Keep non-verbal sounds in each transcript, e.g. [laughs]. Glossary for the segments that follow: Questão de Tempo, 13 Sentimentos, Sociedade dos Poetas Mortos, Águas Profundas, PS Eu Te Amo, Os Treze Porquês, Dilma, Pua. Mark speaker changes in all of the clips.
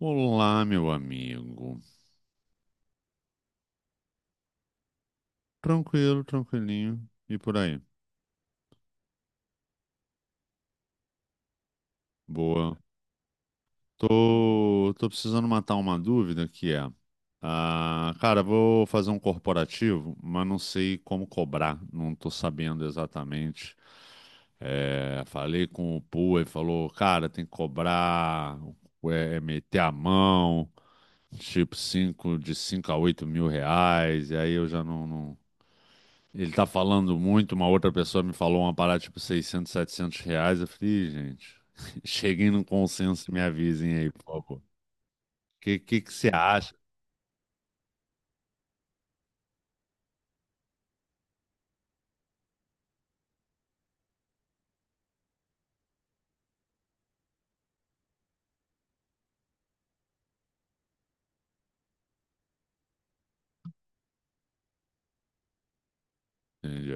Speaker 1: Olá, meu amigo. Tranquilo, tranquilinho. E por aí? Boa. Tô precisando matar uma dúvida que é, cara, vou fazer um corporativo, mas não sei como cobrar. Não tô sabendo exatamente. É, falei com o Pua e falou, cara, tem que cobrar, é meter a mão, tipo 5 a 8 mil reais. E aí eu já não. Ele tá falando muito, uma outra pessoa me falou uma parada tipo 600, 700 reais. Eu falei, "Ih, gente, [laughs] cheguem num consenso e me avisem aí, por favor. Que que você acha? Entendi,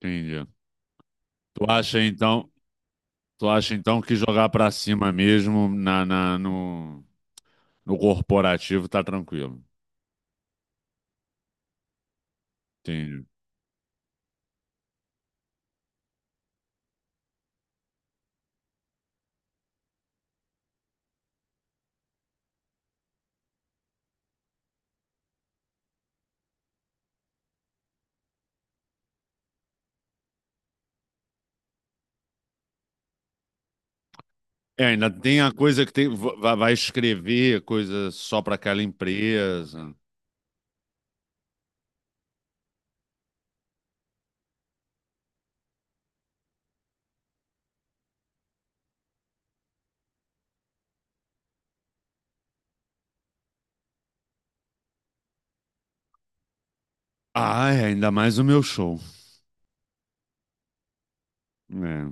Speaker 1: entendi. Tu acha então, tu acha então que jogar pra cima mesmo no corporativo tá tranquilo? Entendi. É, ainda tem a coisa que tem, vai escrever coisa só pra aquela empresa. Ah, é, ainda mais o meu show. É.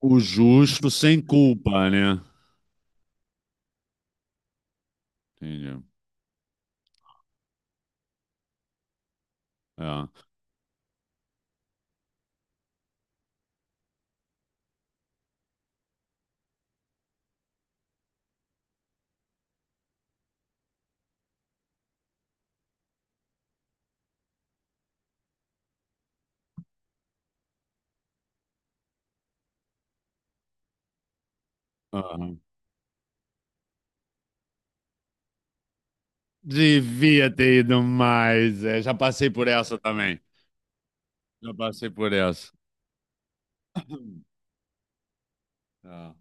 Speaker 1: O justo sem culpa, né? Entendi. É. Aham. Devia ter ido mais. É, já passei por essa também. Já passei por essa. É.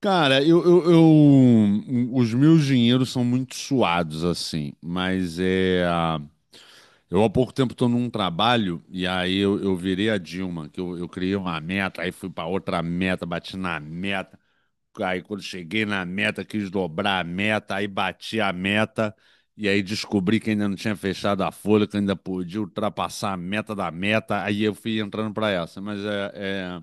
Speaker 1: Cara, os meus dinheiros são muito suados, assim, mas é. Eu há pouco tempo estou num trabalho e aí eu virei a Dilma, que eu criei uma meta, aí fui para outra meta, bati na meta. Aí quando cheguei na meta, quis dobrar a meta, aí bati a meta, e aí descobri que ainda não tinha fechado a folha, que ainda podia ultrapassar a meta da meta, aí eu fui entrando para essa. Mas é,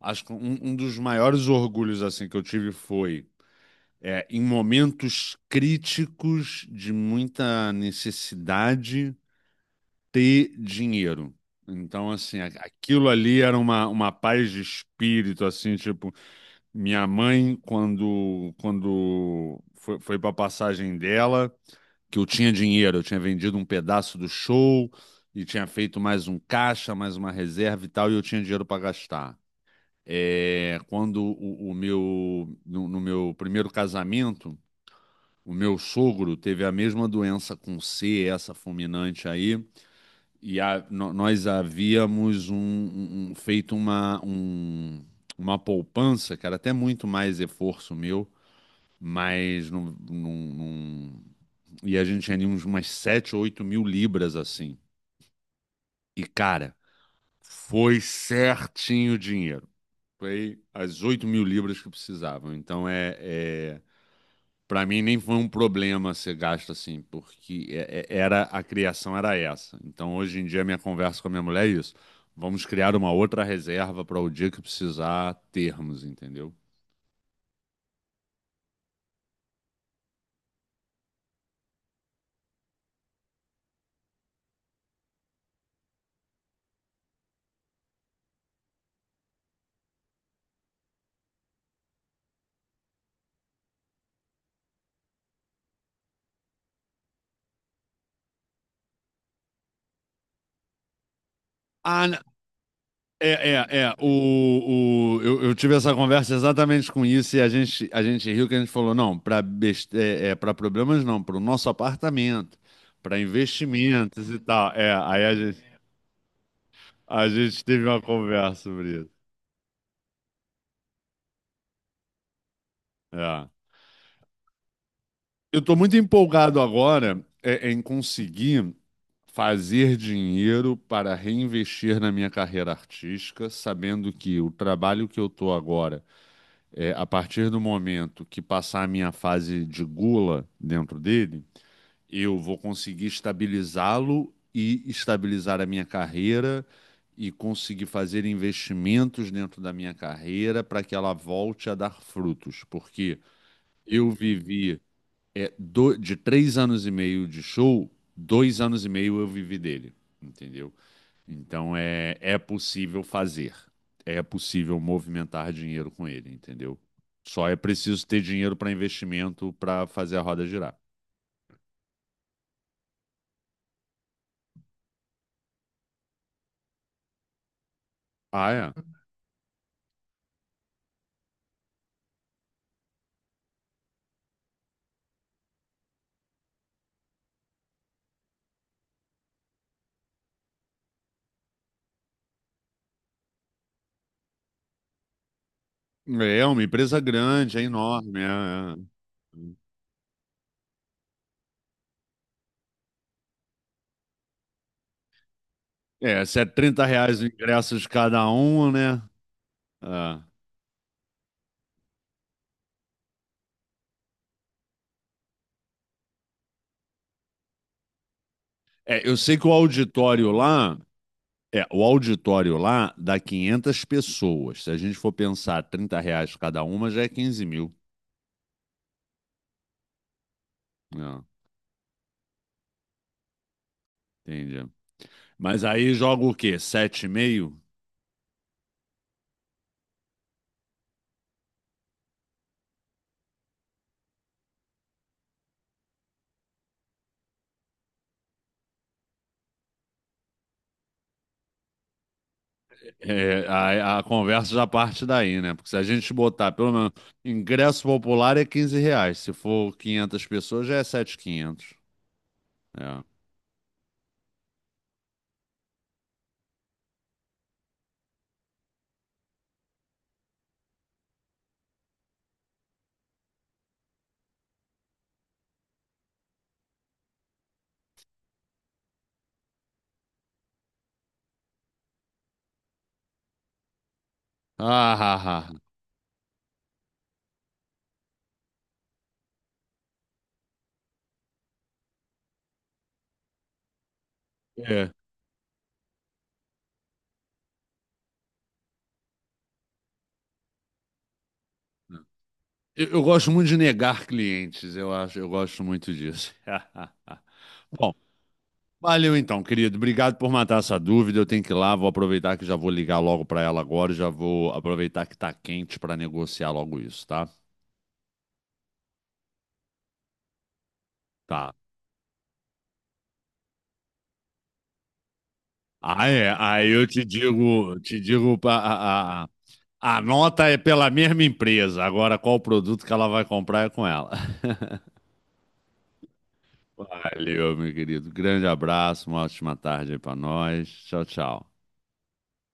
Speaker 1: acho que um dos maiores orgulhos assim que eu tive foi em momentos críticos de muita necessidade ter dinheiro. Então, assim, aquilo ali era uma paz de espírito, assim, tipo, minha mãe, quando foi para a passagem dela, que eu tinha dinheiro, eu tinha vendido um pedaço do show e tinha feito mais um caixa, mais uma reserva e tal, e eu tinha dinheiro para gastar. É, quando o meu, no, no meu primeiro casamento, o meu sogro teve a mesma doença com C, essa fulminante aí, e nós havíamos feito uma poupança, cara, até muito mais esforço meu mas não. E a gente tinha umas 7 ou 8 mil libras assim. E, cara, foi certinho o dinheiro. Foi as 8 mil libras que precisavam. Então, para mim, nem foi um problema ser gasto assim, porque era a criação era essa. Então, hoje em dia, minha conversa com a minha mulher é isso. Vamos criar uma outra reserva para o dia que precisar termos, entendeu? Ah, n- é. Eu tive essa conversa exatamente com isso e a gente riu que a gente falou, não, para problemas não, para o nosso apartamento, para investimentos e tal. É, aí a gente teve uma conversa sobre isso. É. Eu estou muito empolgado agora em conseguir fazer dinheiro para reinvestir na minha carreira artística, sabendo que o trabalho que eu estou agora a partir do momento que passar a minha fase de gula dentro dele, eu vou conseguir estabilizá-lo e estabilizar a minha carreira e conseguir fazer investimentos dentro da minha carreira para que ela volte a dar frutos. Porque eu vivi de 3 anos e meio de show, 2 anos e meio eu vivi dele, entendeu? Então é possível fazer, é possível movimentar dinheiro com ele, entendeu? Só é preciso ter dinheiro para investimento para fazer a roda girar. Ah, é. É uma empresa grande, é enorme. É, é. É, se é 30 reais o ingresso de cada um, né? É. É, eu sei que o auditório lá dá 500 pessoas. Se a gente for pensar 30 reais cada uma, já é 15 mil. É, entendi. Mas aí joga o quê? 7,5? É, a conversa já parte daí, né? Porque se a gente botar, pelo menos, ingresso popular é 15 reais. Se for 500 pessoas, já é 7.500. É. Ah, ah, ah. É. Eu gosto muito de negar clientes, eu acho. Eu gosto muito disso. [laughs] Bom, valeu então, querido. Obrigado por matar essa dúvida. Eu tenho que ir lá, vou aproveitar que já vou ligar logo para ela agora. E já vou aproveitar que tá quente para negociar logo isso, tá? Tá. Ah, é. Aí eu te digo, a nota é pela mesma empresa. Agora, qual produto que ela vai comprar é com ela. [laughs] Valeu, meu querido. Grande abraço, uma ótima tarde aí pra nós. Tchau, tchau.